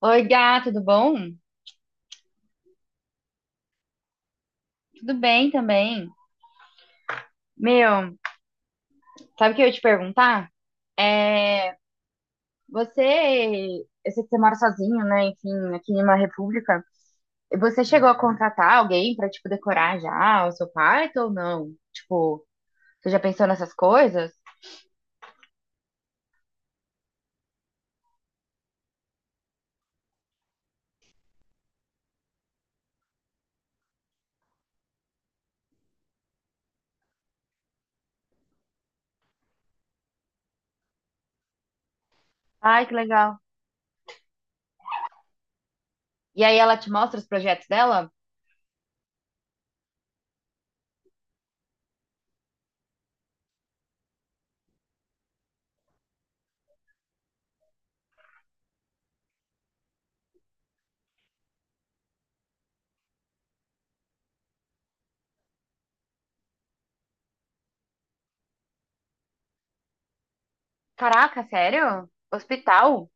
Oi, Gá, tudo bom? Tudo bem também. Meu, sabe o que eu ia te perguntar? Você, eu sei que você mora sozinho, né? Enfim, aqui em uma república. Você chegou a contratar alguém pra, tipo, decorar já o seu quarto ou não? Tipo, você já pensou nessas coisas? Ai, que legal. E aí ela te mostra os projetos dela? Caraca, sério? Hospital?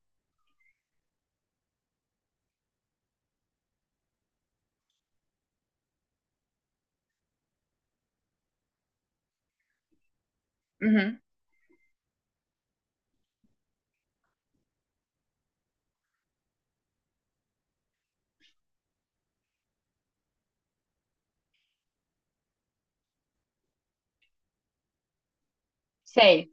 Uhum, sei.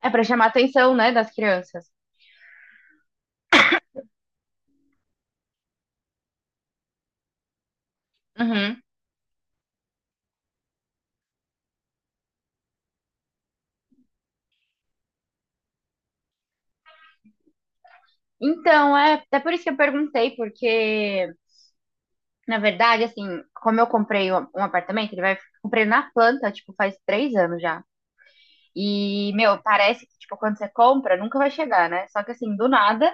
É pra chamar a atenção, né, das crianças. Uhum. Então, é, é por isso que eu perguntei, porque na verdade, assim, como eu comprei um apartamento, ele vai. Comprei na planta, tipo, faz 3 anos já. E, meu, parece que, tipo, quando você compra, nunca vai chegar, né? Só que, assim, do nada,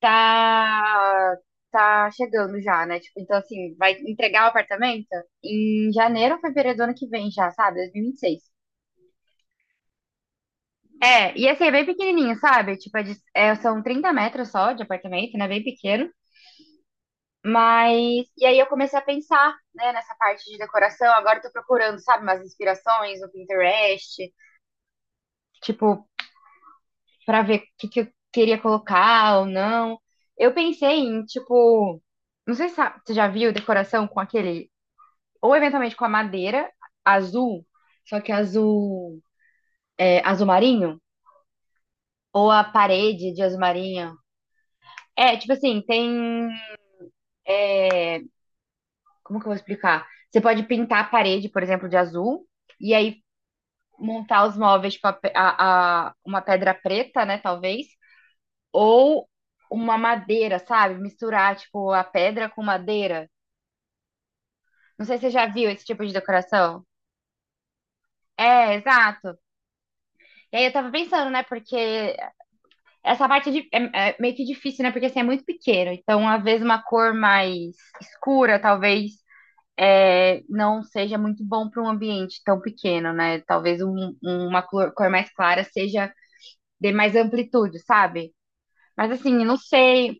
tá. Tá chegando já, né? Tipo, então, assim, vai entregar o apartamento em janeiro ou fevereiro do ano que vem já, sabe? 2026. É, e assim, é bem pequenininho, sabe? Tipo, é, são 30 metros só de apartamento, né? Bem pequeno. Mas, e aí eu comecei a pensar, né, nessa parte de decoração. Agora eu tô procurando, sabe, umas inspirações no Pinterest, tipo, pra ver o que que eu queria colocar ou não. Eu pensei em, tipo, não sei se você já viu decoração com aquele, ou eventualmente com a madeira azul, só que azul, é, azul marinho, ou a parede de azul marinho. É, tipo assim, tem, como que eu vou explicar? Você pode pintar a parede, por exemplo, de azul, e aí montar os móveis, tipo, uma pedra preta, né, talvez, ou uma madeira, sabe? Misturar, tipo, a pedra com madeira. Não sei se você já viu esse tipo de decoração. É, exato. E aí eu tava pensando, né, porque essa parte é, é meio que difícil, né, porque assim, é muito pequeno. Então, às vezes, uma cor mais escura, talvez, é, não seja muito bom para um ambiente tão pequeno, né? Talvez um, cor mais clara seja, dê mais amplitude, sabe? Mas assim, não sei.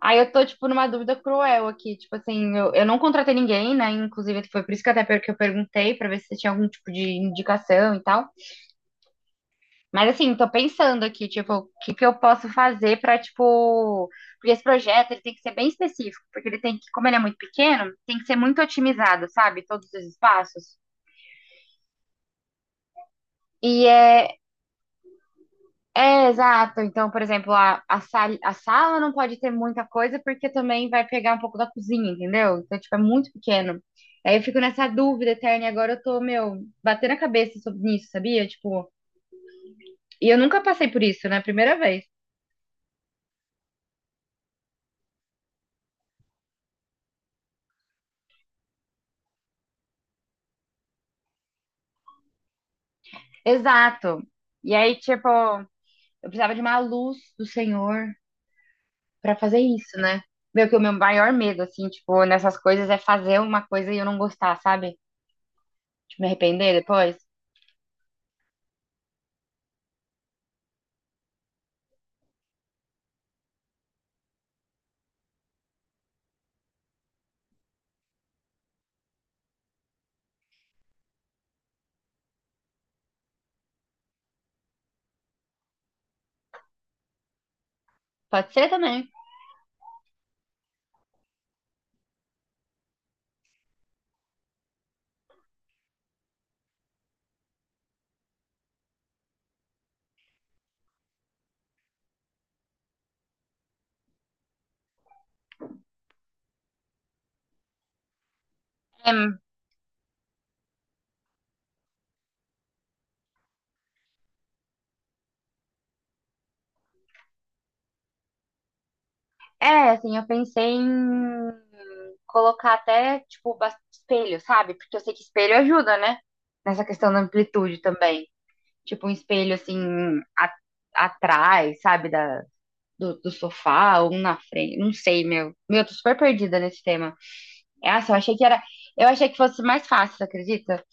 Aí eu tô, tipo, numa dúvida cruel aqui. Tipo assim, eu não contratei ninguém, né? Inclusive, foi por isso que até que eu perguntei pra ver se tinha algum tipo de indicação e tal. Mas assim, tô pensando aqui, tipo, o que que eu posso fazer pra, tipo. Porque esse projeto ele tem que ser bem específico, porque ele tem que, como ele é muito pequeno, tem que ser muito otimizado, sabe? Todos os espaços. E é, é, exato. Então, por exemplo, a sala não pode ter muita coisa porque também vai pegar um pouco da cozinha, entendeu? Então, tipo, é muito pequeno. Aí eu fico nessa dúvida eterna e agora eu tô, meu, batendo a cabeça sobre isso, sabia? Tipo, e eu nunca passei por isso, né? Primeira vez. Exato. E aí, tipo, eu precisava de uma luz do Senhor pra fazer isso, né? Meu, que o meu maior medo, assim, tipo, nessas coisas é fazer uma coisa e eu não gostar, sabe? Tipo, me arrepender depois. Pode ser também. É, é, assim, eu pensei em colocar até, tipo, espelho, sabe? Porque eu sei que espelho ajuda, né? Nessa questão da amplitude também. Tipo, um espelho, assim, a- atrás, sabe? Do, sofá, ou um na frente. Não sei, meu. Meu, eu tô super perdida nesse tema. Nossa, eu achei que era. Eu achei que fosse mais fácil, você acredita?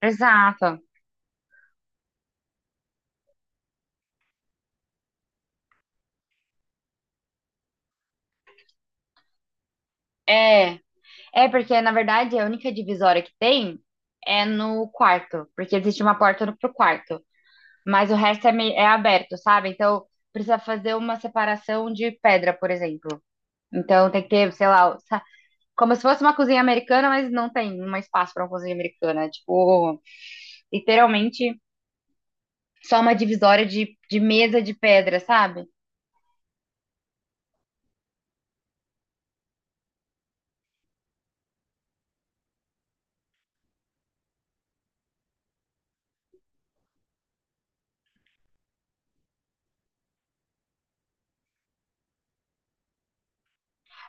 Exato. É. É, porque, na verdade, a única divisória que tem é no quarto. Porque existe uma porta pro quarto. Mas o resto é, é aberto, sabe? Então precisa fazer uma separação de pedra, por exemplo. Então tem que ter, sei lá, como se fosse uma cozinha americana, mas não tem um espaço para uma cozinha americana. É, tipo, literalmente só uma divisória de mesa de pedra, sabe?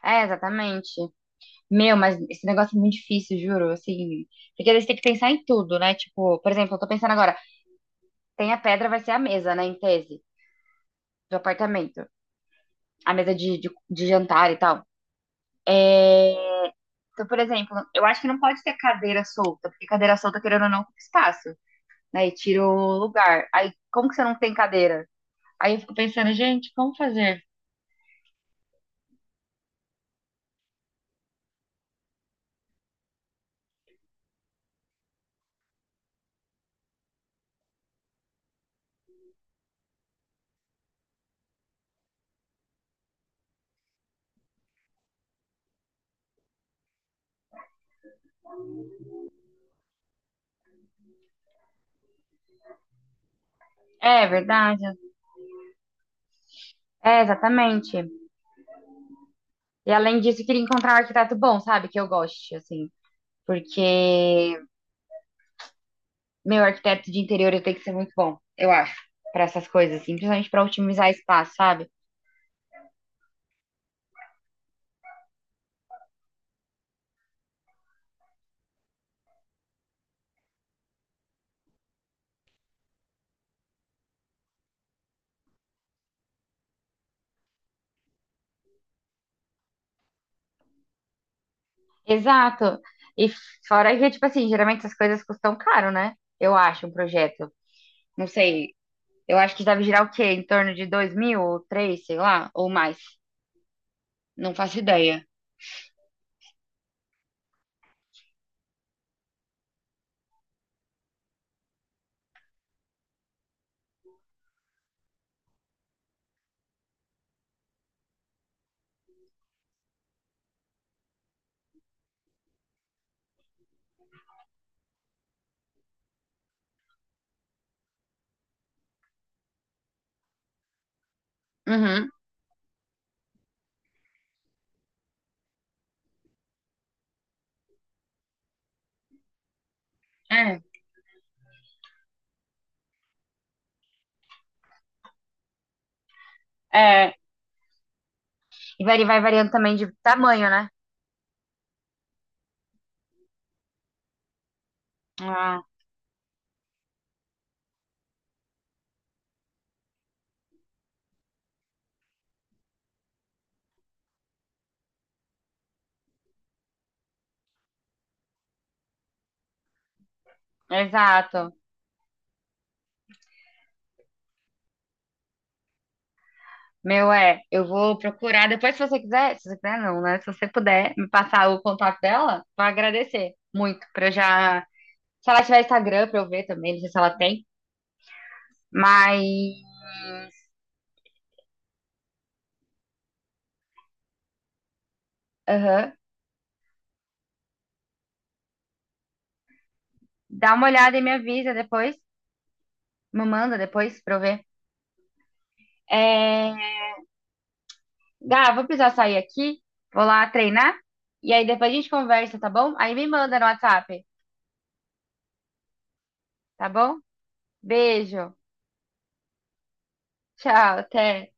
É, exatamente. Meu, mas esse negócio é muito difícil, juro. Assim, porque eles têm que pensar em tudo, né? Tipo, por exemplo, eu tô pensando agora, tem a pedra, vai ser a mesa, né, em tese, do apartamento. A mesa de, de jantar e tal. É, então, por exemplo, eu acho que não pode ter cadeira solta, porque cadeira solta, querendo ou não, ocupa espaço, né? E tira o lugar. Aí, como que você não tem cadeira? Aí eu fico pensando, gente, como fazer? É verdade. É, exatamente. E além disso, eu queria encontrar um arquiteto bom, sabe? Que eu goste, assim. Porque meu arquiteto de interior ele tem que ser muito bom, eu acho, para essas coisas, assim, principalmente para otimizar espaço, sabe? Exato. E fora que, tipo assim, geralmente essas coisas custam caro, né? Eu acho, um projeto. Não sei. Eu acho que deve girar o quê? Em torno de 2.000 ou 3, sei lá, ou mais. Não faço ideia. Uhum. É. É, e vai variando também de tamanho, né? Ah, exato. Meu, é, eu vou procurar. Depois, se você quiser, Se você puder me passar o contato dela, vou agradecer muito. Pra eu já. Se ela tiver Instagram, pra eu ver também, não sei se ela tem. Mas. Aham. Dá uma olhada e me avisa depois. Me manda depois pra eu ver. É... Gá, vou precisar sair aqui, vou lá treinar, e aí depois a gente conversa, tá bom? Aí me manda no WhatsApp, tá bom? Beijo, tchau, até.